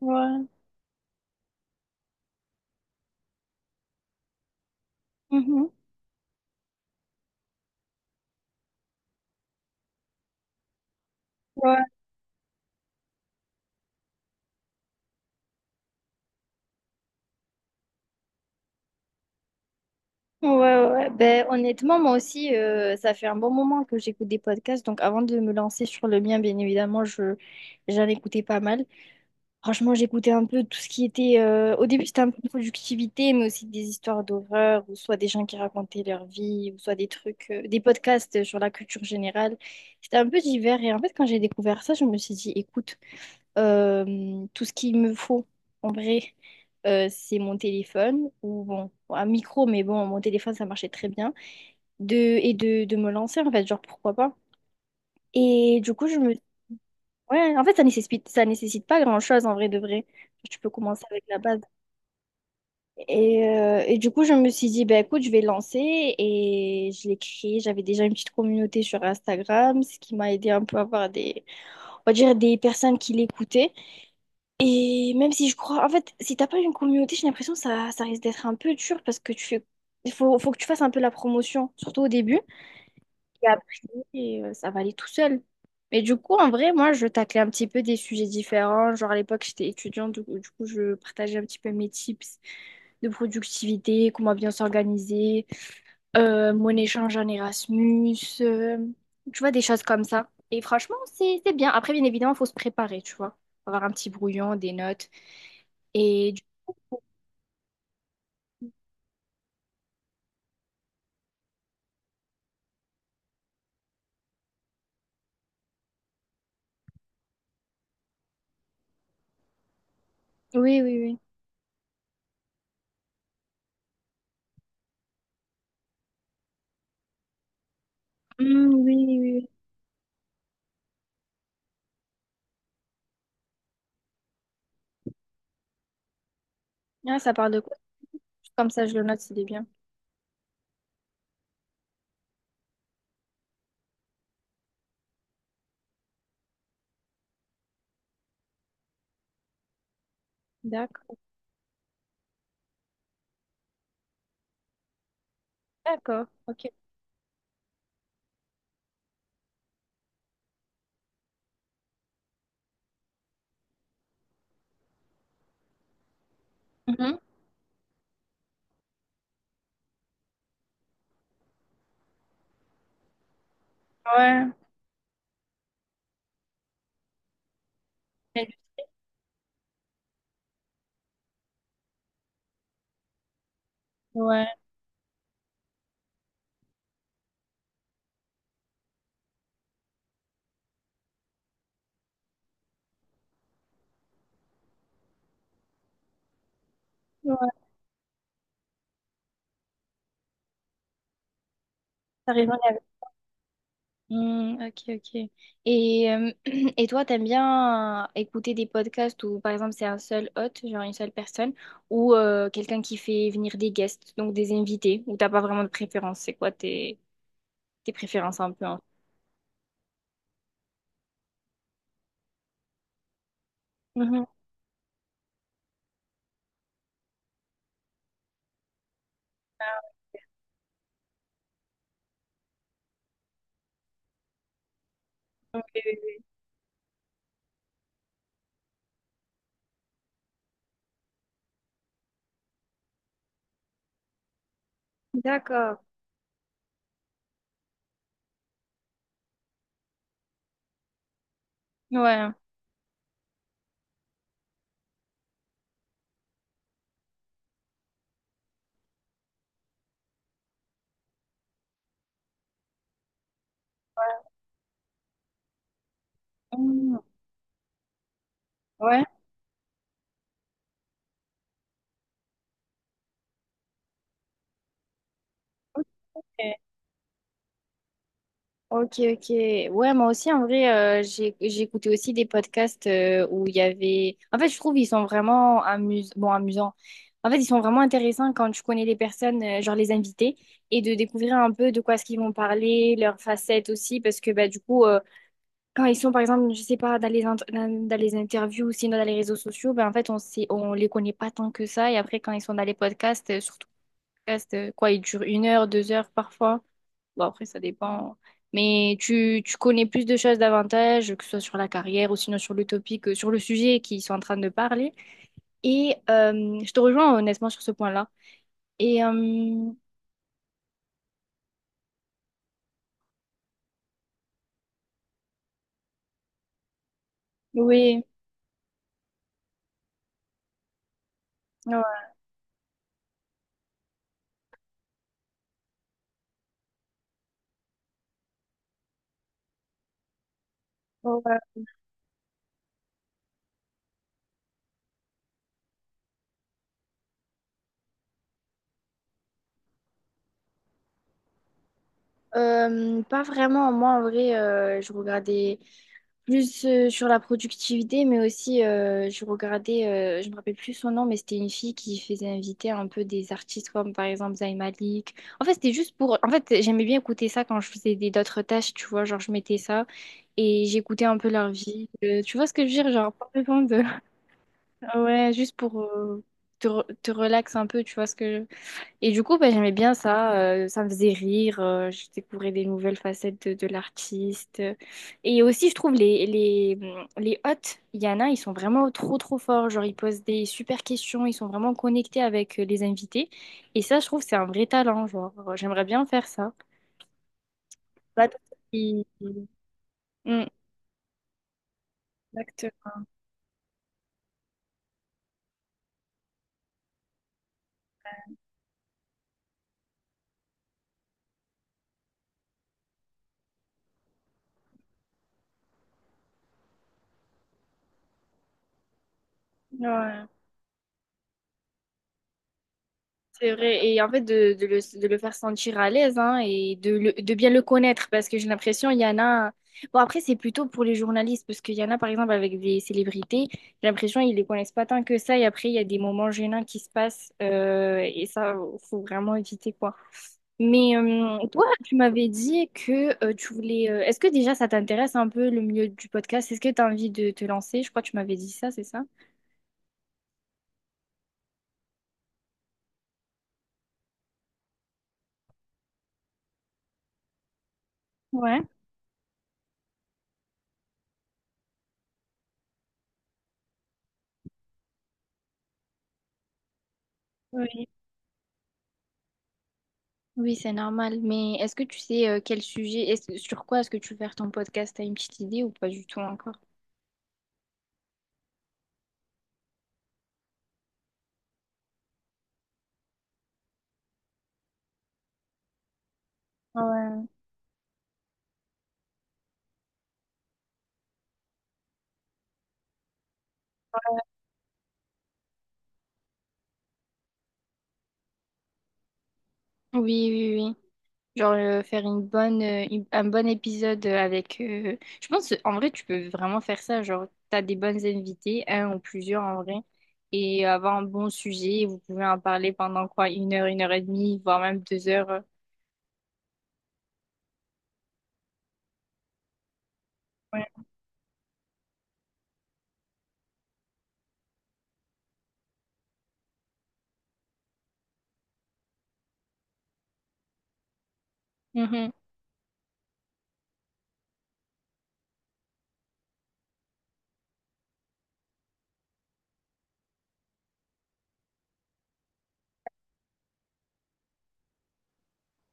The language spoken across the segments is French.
Ouais. Mhm. Ouais, ouais, ouais. Ouais. Ben, honnêtement, moi aussi, ça fait un bon moment que j'écoute des podcasts. Donc, avant de me lancer sur le mien, bien évidemment, je j'en écoutais pas mal. Franchement, j'écoutais un peu tout ce qui était. Au début, c'était un peu productivité, mais aussi des histoires d'horreur, ou soit des gens qui racontaient leur vie, ou soit des trucs, des podcasts sur la culture générale. C'était un peu divers. Et en fait, quand j'ai découvert ça, je me suis dit, écoute. Tout ce qu'il me faut, en vrai, c'est mon téléphone ou bon, un micro, mais bon, mon téléphone, ça marchait très bien. De me lancer, en fait, genre, pourquoi pas. Et du coup, je me... Ouais, en fait, ça nécessite pas grand-chose, en vrai, de vrai. Tu peux commencer avec la base. Et du coup, je me suis dit, bah, écoute, je vais lancer. Et je l'ai créé. J'avais déjà une petite communauté sur Instagram, ce qui m'a aidé un peu à avoir des, on va dire, des personnes qui l'écoutaient. Et même si je crois, en fait, si t'as pas une communauté, j'ai l'impression que ça risque d'être un peu dur parce que tu fais, il faut que tu fasses un peu la promotion, surtout au début. Et après, ça va aller tout seul. Mais du coup, en vrai, moi, je taclais un petit peu des sujets différents. Genre, à l'époque, j'étais étudiante, du coup, je partageais un petit peu mes tips de productivité, comment bien s'organiser, mon échange en Erasmus, euh, tu vois, des choses comme ça. Et franchement, c'est bien. Après, bien évidemment, il faut se préparer, tu vois. Faut avoir un petit brouillon, des notes. Et du coup, oui, oui. Mmh, oui. Hmm, oui, oui, oui. Ah, ça parle de quoi? Comme ça, je le note, c'est bien. D'accord. D'accord. Ok. Mhm. Ouais. Ouais. Ouais. Ça raisonnable. Hmm, ok, ok. Et, euh, et toi, t'aimes bien écouter des podcasts où, par exemple, c'est un seul hôte, genre une seule personne, ou quelqu'un qui fait venir des guests, donc des invités, ou t'as pas vraiment de préférence? C'est quoi tes, tes préférences un peu? Hein. Mhm. Ok. D'accord. Ouais. Mhm. Ouais. Ok. Ok, ok. Ouais, moi aussi, en vrai, j'ai écouté aussi des podcasts où il y avait... En fait, je trouve ils sont vraiment amus... bon, amusants. En fait, ils sont vraiment intéressants quand tu connais les personnes, genre les invités, et de découvrir un peu de quoi est-ce qu'ils vont parler, leurs facettes aussi, parce que bah, du coup, quand ils sont, par exemple, je sais pas, dans les interviews ou sinon dans les réseaux sociaux, bah, en fait, on sait, on les connaît pas tant que ça. Et après, quand ils sont dans les podcasts, surtout les podcasts, quoi, ils durent une heure, deux heures parfois. Bon, après, ça dépend. Mais tu connais plus de choses davantage, que ce soit sur la carrière ou sinon sur l'utopie que sur le sujet qu'ils sont en train de parler. Et je te rejoins honnêtement sur ce point-là. Et oui, ouais, ouais. Pas vraiment. Moi, en vrai, je regardais plus sur la productivité, mais aussi je me rappelle plus son nom, mais c'était une fille qui faisait inviter un peu des artistes comme par exemple Zayn Malik. En fait, c'était juste pour. En fait, j'aimais bien écouter ça quand je faisais des d'autres tâches, tu vois. Genre, je mettais ça et j'écoutais un peu leur vie. Tu vois ce que je veux dire? Genre, pas besoin de. Ouais, juste pour te relaxer un peu, tu vois ce que je. Et du coup, bah, j'aimais bien ça, ça me faisait rire, je découvrais des nouvelles facettes de l'artiste. Et aussi, je trouve les hôtes, il y en a, ils sont vraiment trop trop forts, genre ils posent des super questions, ils sont vraiment connectés avec les invités. Et ça, je trouve, c'est un vrai talent, genre j'aimerais bien faire ça. Bah, Et- Mm, exactement. Ouais. C'est vrai, et en fait de le faire sentir à l'aise hein, et de bien le connaître parce que j'ai l'impression il y en a. Bon, après, c'est plutôt pour les journalistes parce qu'il y en a par exemple avec des célébrités, j'ai l'impression ils les connaissent pas tant que ça et après il y a des moments gênants qui se passent et ça, faut vraiment éviter quoi. Mais toi, tu m'avais dit que tu voulais. Euh, est-ce que déjà ça t'intéresse un peu le milieu du podcast? Est-ce que tu as envie de te lancer? Je crois que tu m'avais dit ça, c'est ça? Ouais. Oui, c'est normal. Mais est-ce que tu sais quel sujet, est-ce- sur quoi est-ce que tu veux faire ton podcast? T'as une petite idée ou pas du tout encore? Ouais. Oui, oui, oui. Genre faire une bonne, une- un bon épisode avec. Je pense en vrai tu peux vraiment faire ça. Genre t'as des bonnes invités, un ou plusieurs en vrai, et avoir un bon sujet. Vous pouvez en parler pendant quoi? Une heure et demie, voire même deux heures. Euh. Ouais.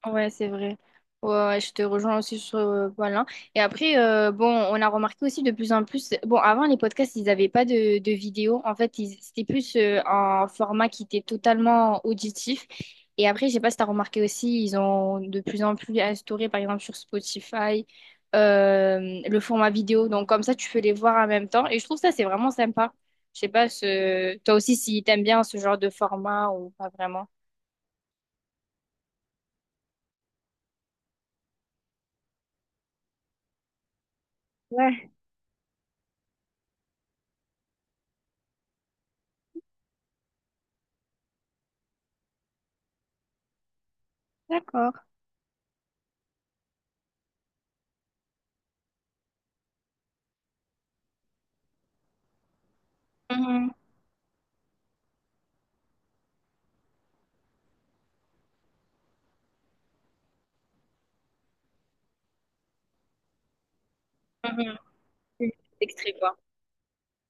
Ouais, c'est vrai. Ouais, ouais, je te rejoins aussi sur voilà. Et après, bon, on a remarqué aussi de plus en plus. Bon, avant les podcasts, ils n'avaient pas de, de vidéo. En fait, ils- c'était plus un format qui était totalement auditif. Et après, je sais pas si tu as remarqué aussi, ils ont de plus en plus instauré, par exemple, sur Spotify, euh, le format vidéo. Donc, comme ça, tu peux les voir en même temps. Et je trouve ça, c'est vraiment sympa. Je sais pas, ce... toi aussi, si t'aimes bien ce genre de format ou pas vraiment. Ouais, d'accord. Mhm, mhm. Des extraits, quoi.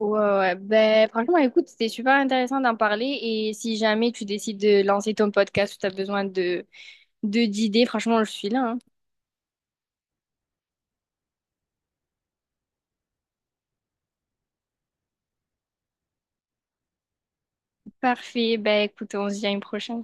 Ouais, ouais. Ben, franchement, écoute, c'était super intéressant d'en parler. Et si jamais tu décides de lancer ton podcast ou tu as besoin de, d'idées, franchement, je suis là, hein. Parfait. Ben, écoute, on se dit à une prochaine.